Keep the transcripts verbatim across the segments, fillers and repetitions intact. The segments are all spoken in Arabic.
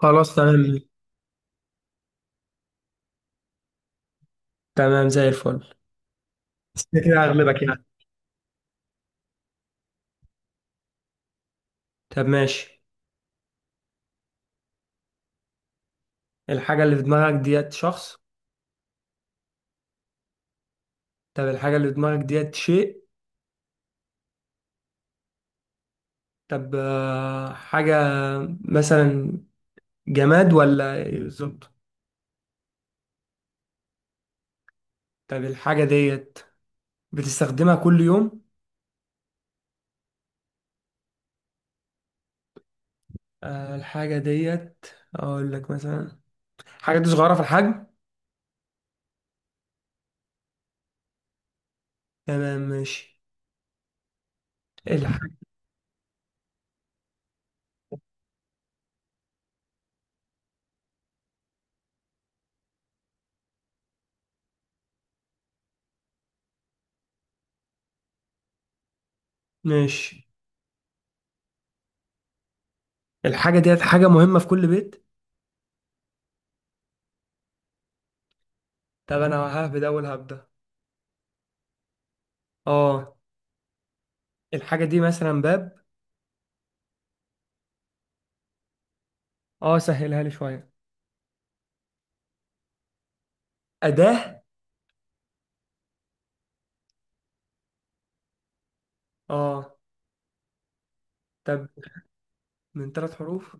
خلاص تمام. تمام زي الفل. بس كده كده هغلبك يعني. طب ماشي. الحاجة اللي في دماغك ديت شخص؟ طب الحاجة اللي في دماغك ديت شيء؟ طب آه، حاجة مثلا. جماد ولا إيه بالظبط؟ طب الحاجة ديت بتستخدمها كل يوم؟ آه، الحاجة ديت أقول لك مثلا، الحاجة دي صغيرة في الحجم. تمام ماشي. الح... ماشي. الحاجة ديت حاجة مهمة في كل بيت. طب أنا ههبد أول هبدة. اه. الحاجة دي مثلا باب. اه، سهلها لي شوية. أداة. اه. طب من ثلاث حروف.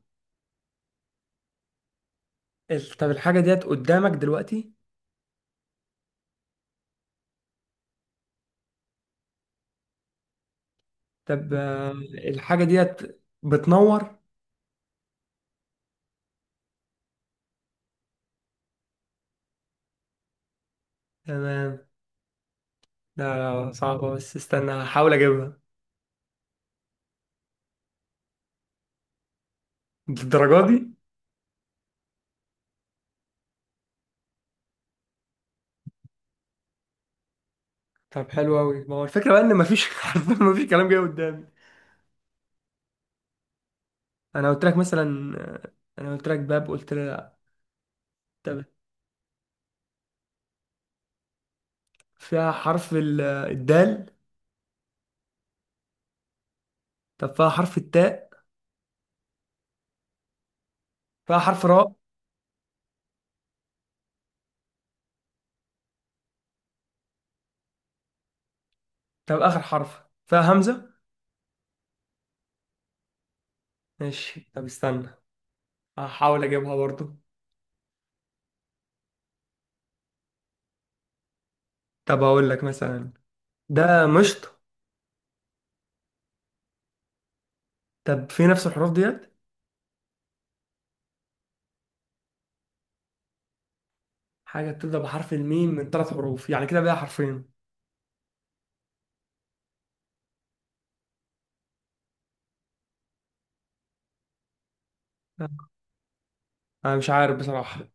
ال- طب الحاجة ديت قدامك دلوقتي. طب آه، الحاجة ديت بتنور. تمام. لا. لا، صعبة بس استنى هحاول اجيبها. للدرجة دي. طب حلو قوي، ما هو الفكرة بقى ان مفيش حرفيا مفيش كلام جاي قدامي. انا قلت لك مثلا آه، انا قلت لك باب، قلت لي لا. طب فيها حرف ال- الدال. طب فيها حرف التاء. فيها حرف راء. طب اخر حرف فيها همزة. ماشي، طب استنى هحاول اجيبها برضو. طب اقول لك مثلا، ده مشط. طب في نفس الحروف ديت. حاجه بتبدا بحرف الميم من ثلاث حروف، يعني كده بقى حرفين. انا مش عارف بصراحه.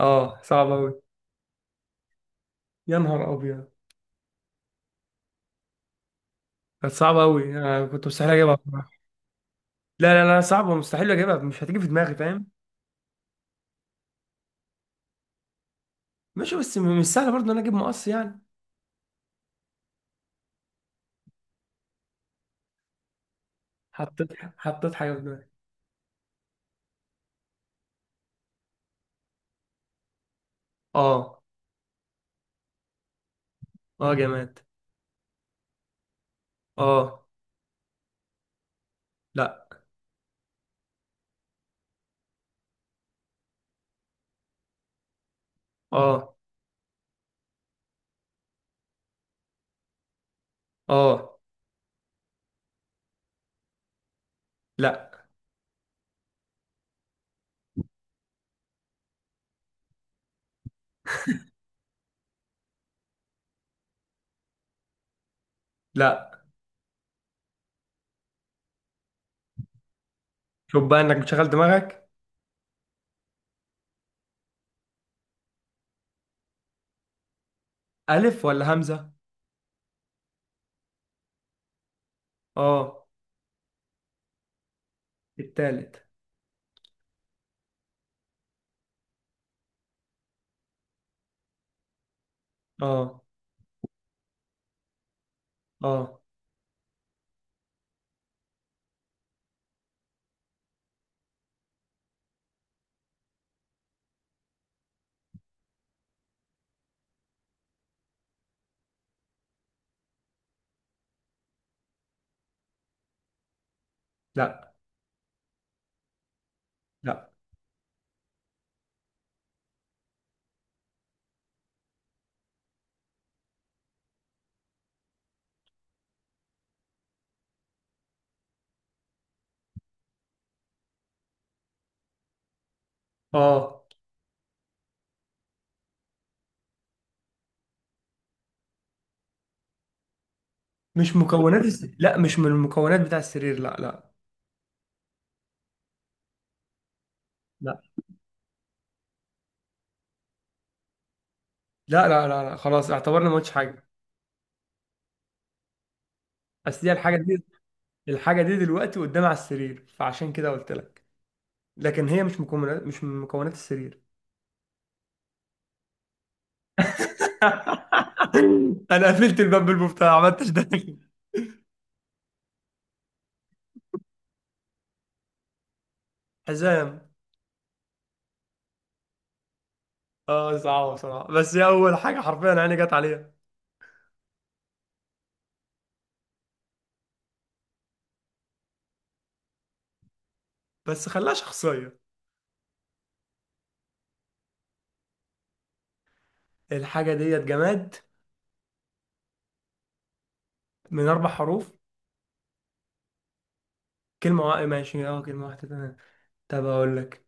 اه، صعب قوي. يا نهار ابيض. كانت صعبه قوي، انا كنت مستحيل اجيبها بصراحه. لا، لا، لا، صعبه مستحيل اجيبها، مش هتيجي في دماغي فاهم. ماشي، بس م- مش سهل برضه ان انا اجيب مقص يعني. حطيت. حطيت حاجه في دماغي. اه. اه، جماد. اه. لا. اه. اه. لا. لا، شوف بقى انك بتشغل دماغك. الف ولا همزه؟ اه. التالت. اه. اه. لا. لا. اه مش مكونات الس... لا، مش من المكونات بتاع السرير، لا، لا، لا، لا، لا، لا، لا، خلاص اعتبرنا ما قلتش حاجه. اصل دي الحاجه دي. الحاجه دي دلوقتي قدام على السرير، فعشان كده قلت لك. لكن هي مش مكونات مش من مكونات السرير. انا قفلت الباب بالمفتاح، ما عملتش ده. حزام. اه، صعبه بصراحه، بس هي اول حاجه حرفيا عيني جت عليها. بس خلاها شخصيه. الحاجه ديت جماد. من اربع حروف. كلمة واحدة، ماشي اه، كلمة واحدة تمام. طب أقول لك،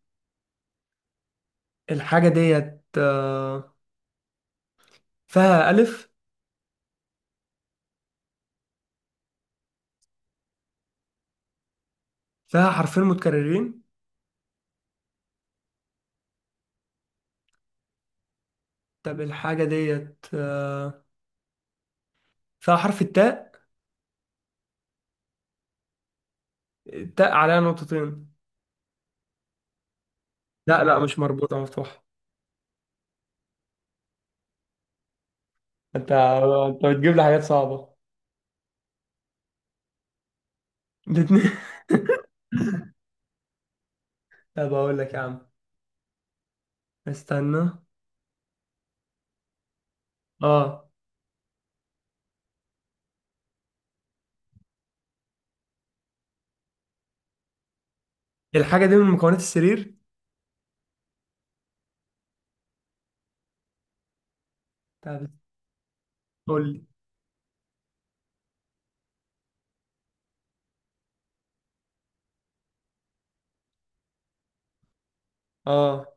الحاجة ديت آه، فيها ألف. فيها حرفين متكررين. طب الحاجة ديت آه، فيها حرف التاء. التاء عليها نقطتين. لا لا، مش مربوطة، مفتوحة. أنت أنت بتجيب لي حاجات صعبة. الاتنين. طب أقول لك يا عم، استنى. أه. الحاجة دي من مكونات السرير. طب قول لي. أه.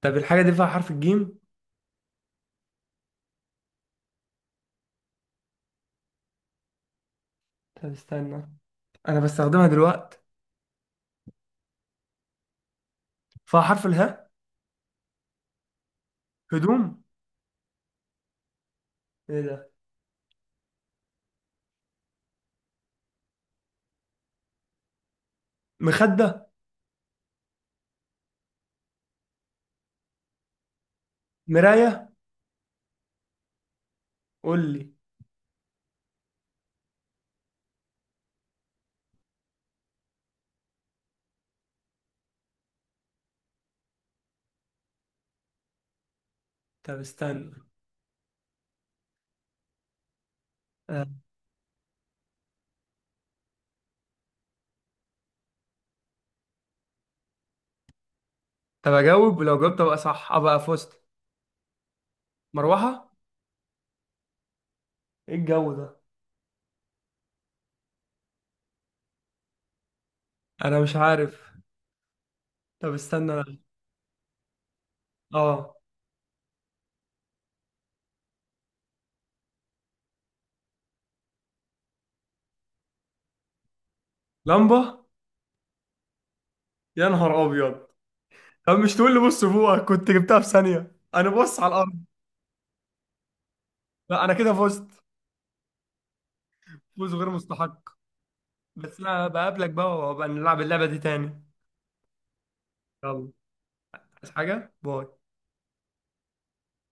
طب الحاجة دي فيها حرف الجيم. طب استنى، أنا بستخدمها دلوقتي. فيها حرف الهاء. هدوم. ايه ده. مخدة. مراية. قول لي. طب استنى. آه. طب اجاوب، ولو جاوبت ابقى صح ابقى فزت. مروحة. ايه الجو ده. انا مش عارف. طب استنى أنا. اه. لمبة. يا نهار ابيض. طب مش تقول لي بص فوقك؟ كنت جبتها في ثانية، انا بص على الارض. لا، انا كده فزت. فوز غير مستحق. بس انا بقابلك بقى، وبقى نلعب اللعبة دي تاني. يلا. عايز حاجة؟ باي.